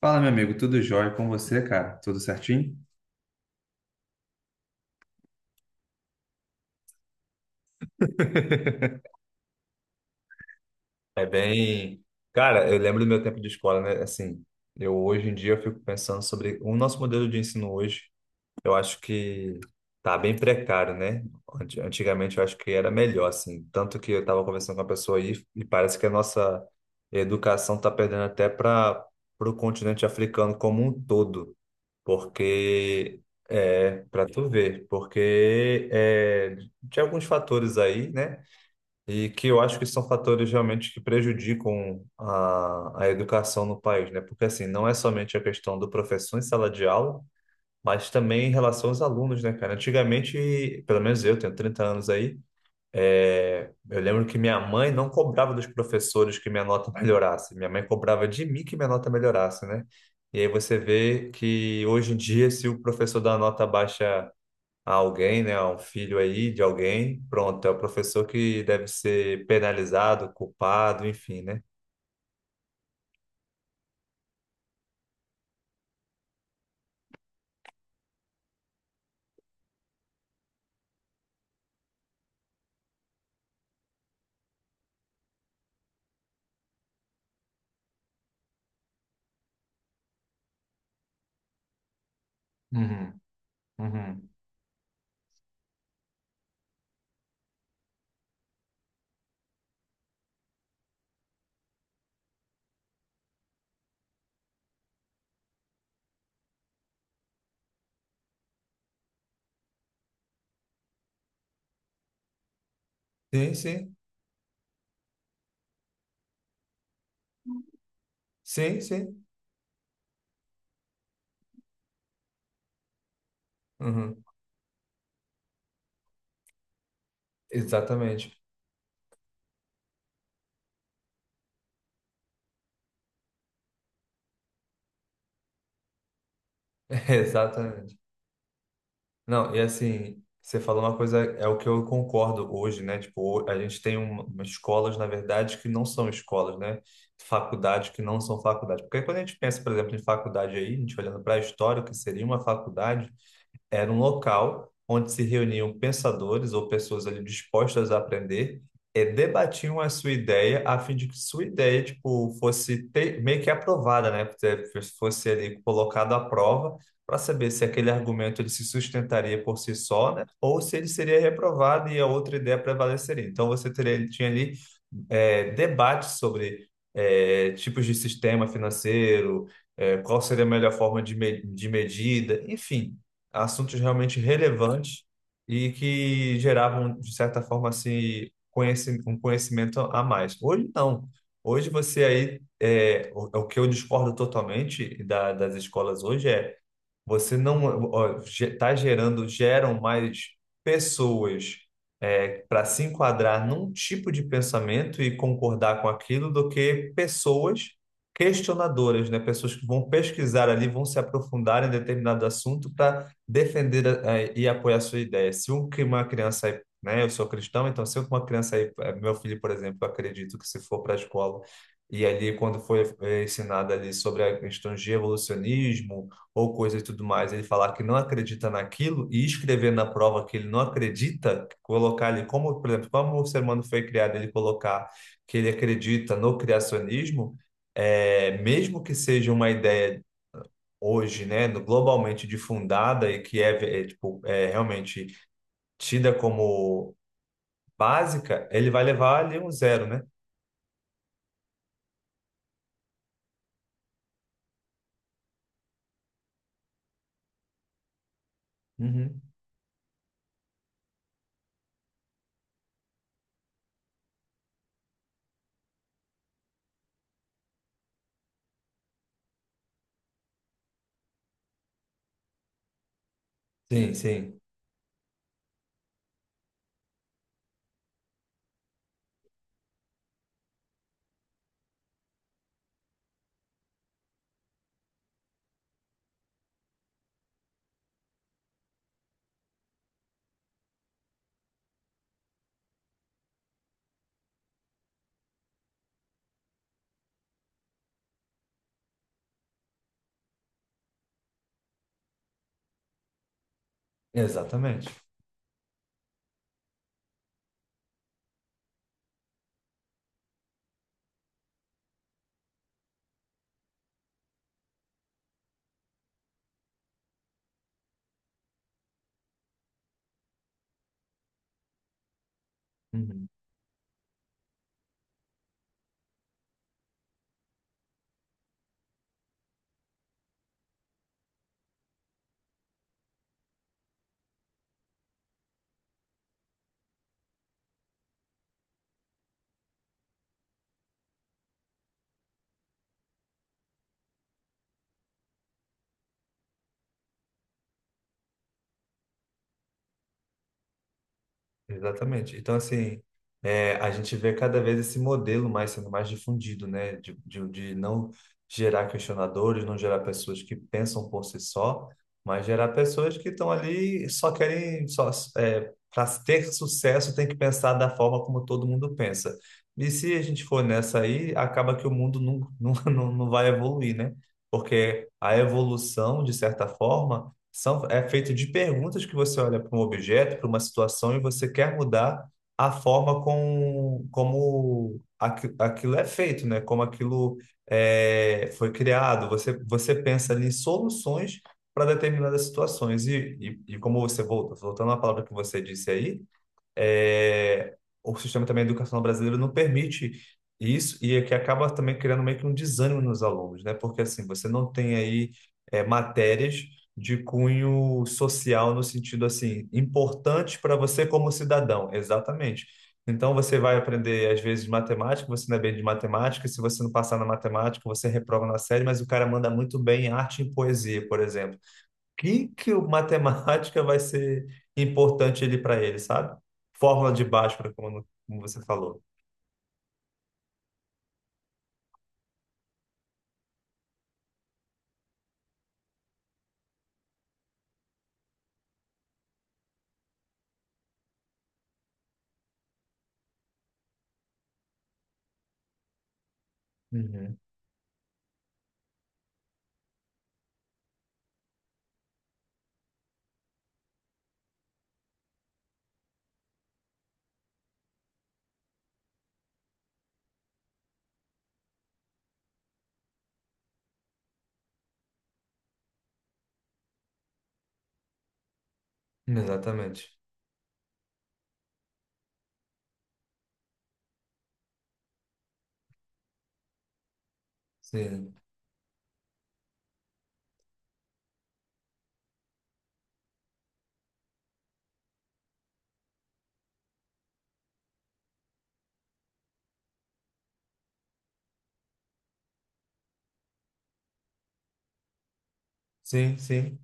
Fala, meu amigo, tudo jóia com você, cara? Tudo certinho? É bem. Cara, eu lembro do meu tempo de escola, né? Assim, eu hoje em dia eu fico pensando sobre o nosso modelo de ensino hoje. Eu acho que tá bem precário, né? Antigamente eu acho que era melhor, assim. Tanto que eu tava conversando com uma pessoa aí e parece que a nossa educação tá perdendo até para o continente africano como um todo. Porque é para tu ver, porque é, tinha alguns fatores aí, né? E que eu acho que são fatores realmente que prejudicam a educação no país, né? Porque assim, não é somente a questão do professor em sala de aula, mas também em relação aos alunos, né, cara? Antigamente, pelo menos eu tenho 30 anos aí. É, eu lembro que minha mãe não cobrava dos professores que minha nota melhorasse. Minha mãe cobrava de mim que minha nota melhorasse, né? E aí você vê que hoje em dia, se o professor dá uma nota baixa a alguém, né, a um filho aí de alguém, pronto, é o professor que deve ser penalizado, culpado, enfim, né? Uhum, uhum. Sim, sim, sim, sim. Uhum. Exatamente, exatamente. Não, e assim, você falou uma coisa, é o que eu concordo hoje, né? Tipo, a gente tem umas escolas, na verdade, que não são escolas, né? Faculdades que não são faculdades. Porque quando a gente pensa, por exemplo, em faculdade aí, a gente olhando para a história, o que seria uma faculdade, era um local onde se reuniam pensadores ou pessoas ali dispostas a aprender e debatiam a sua ideia a fim de que sua ideia tipo fosse meio que aprovada, né? Fosse ali colocado à prova para saber se aquele argumento ele se sustentaria por si só, né? Ou se ele seria reprovado e a outra ideia prevaleceria. Então você teria, tinha ali é, debates sobre é, tipos de sistema financeiro, é, qual seria a melhor forma de medida, enfim, assuntos realmente relevantes e que geravam, de certa forma, assim, um conhecimento a mais. Hoje, não. Hoje você aí, é, o, é o que eu discordo totalmente das escolas hoje é você não está gerando, geram mais pessoas para se enquadrar num tipo de pensamento e concordar com aquilo do que pessoas questionadoras, né? Pessoas que vão pesquisar ali, vão se aprofundar em determinado assunto para defender e apoiar a sua ideia. Se que uma criança é, né? Eu sou cristão, então se uma criança, aí, meu filho, por exemplo, eu acredito que se for para a escola e ali quando foi ensinado ali sobre a questão de evolucionismo, ou coisa e tudo mais, ele falar que não acredita naquilo e escrever na prova que ele não acredita, colocar ali como, por exemplo, como o ser humano foi criado, ele colocar que ele acredita no criacionismo, é, mesmo que seja uma ideia hoje, né, globalmente difundada e que é, é, tipo, é realmente tida como básica, ele vai levar ali um zero, né? Uhum. Sim, sim, exatamente. Uhum. Exatamente. Então, assim, é, a gente vê cada vez esse modelo mais sendo mais difundido, né? De não gerar questionadores, não gerar pessoas que pensam por si só, mas gerar pessoas que estão ali e só querem, só, é, para ter sucesso, tem que pensar da forma como todo mundo pensa. E se a gente for nessa aí, acaba que o mundo não, não, não vai evoluir, né? Porque a evolução, de certa forma, são, é feito de perguntas que você olha para um objeto, para uma situação, e você quer mudar a forma como aquilo é feito, né? Como aquilo é, foi criado. Você, você pensa ali em soluções para determinadas situações. E como você volta, voltando à palavra que você disse aí, é, o sistema também educacional brasileiro não permite isso e é que acaba também criando meio que um desânimo nos alunos, né? Porque assim, você não tem aí é, matérias de cunho social no sentido assim, importante para você como cidadão, exatamente. Então você vai aprender às vezes matemática, você não é bem de matemática, e se você não passar na matemática, você reprova na série, mas o cara manda muito bem em arte e em poesia, por exemplo, que o matemática vai ser importante ele para ele, sabe? Fórmula de Bhaskara, como, como você falou. Uhum. Exatamente. Sim, sim, sim.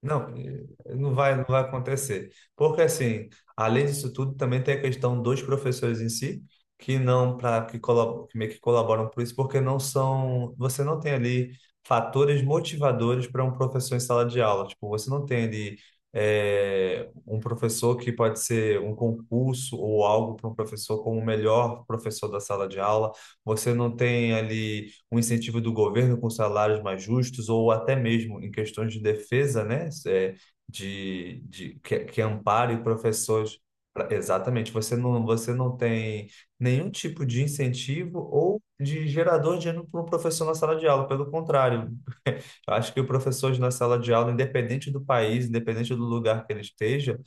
Não, não vai, não vai acontecer. Porque, assim, além disso tudo, também tem a questão dos professores em si, que não, para que, que meio que colaboram por isso, porque não são, você não tem ali fatores motivadores para um professor em sala de aula. Tipo, você não tem ali um professor que pode ser um concurso ou algo para um professor como o melhor professor da sala de aula. Você não tem ali um incentivo do governo com salários mais justos, ou até mesmo em questões de defesa, né? É, de que ampare professores. Exatamente, você não tem nenhum tipo de incentivo ou de gerador de ânimo para um professor na sala de aula, pelo contrário, eu acho que o professor na sala de aula, independente do país, independente do lugar que ele esteja,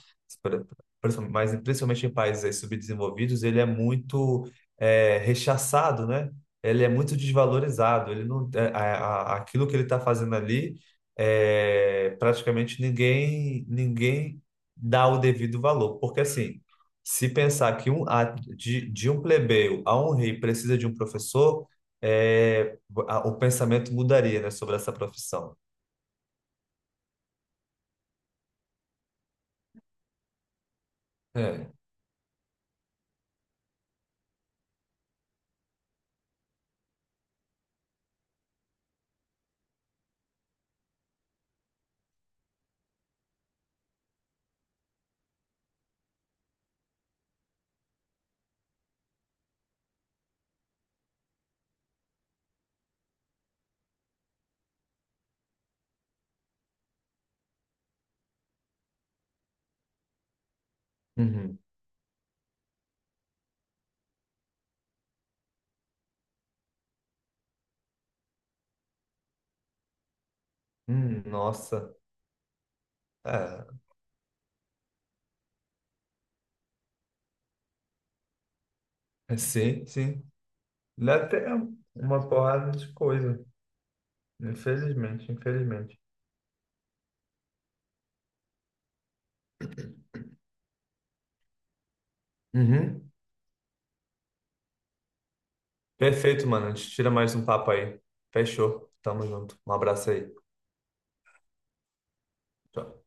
pri- mas principalmente em países aí subdesenvolvidos, ele é muito é, rechaçado, né? Ele é muito desvalorizado. Ele não, é, aquilo que ele está fazendo ali, é, praticamente ninguém dá o devido valor, porque assim se pensar que de um plebeu a um rei precisa de um professor, é, o pensamento mudaria, né, sobre essa profissão. É. Uhum. Nossa. É. Sim, sim. Dá até uma porrada de coisa. Infelizmente, infelizmente. Uhum. Perfeito, mano. A gente tira mais um papo aí. Fechou. Tamo junto. Um abraço aí. Tchau.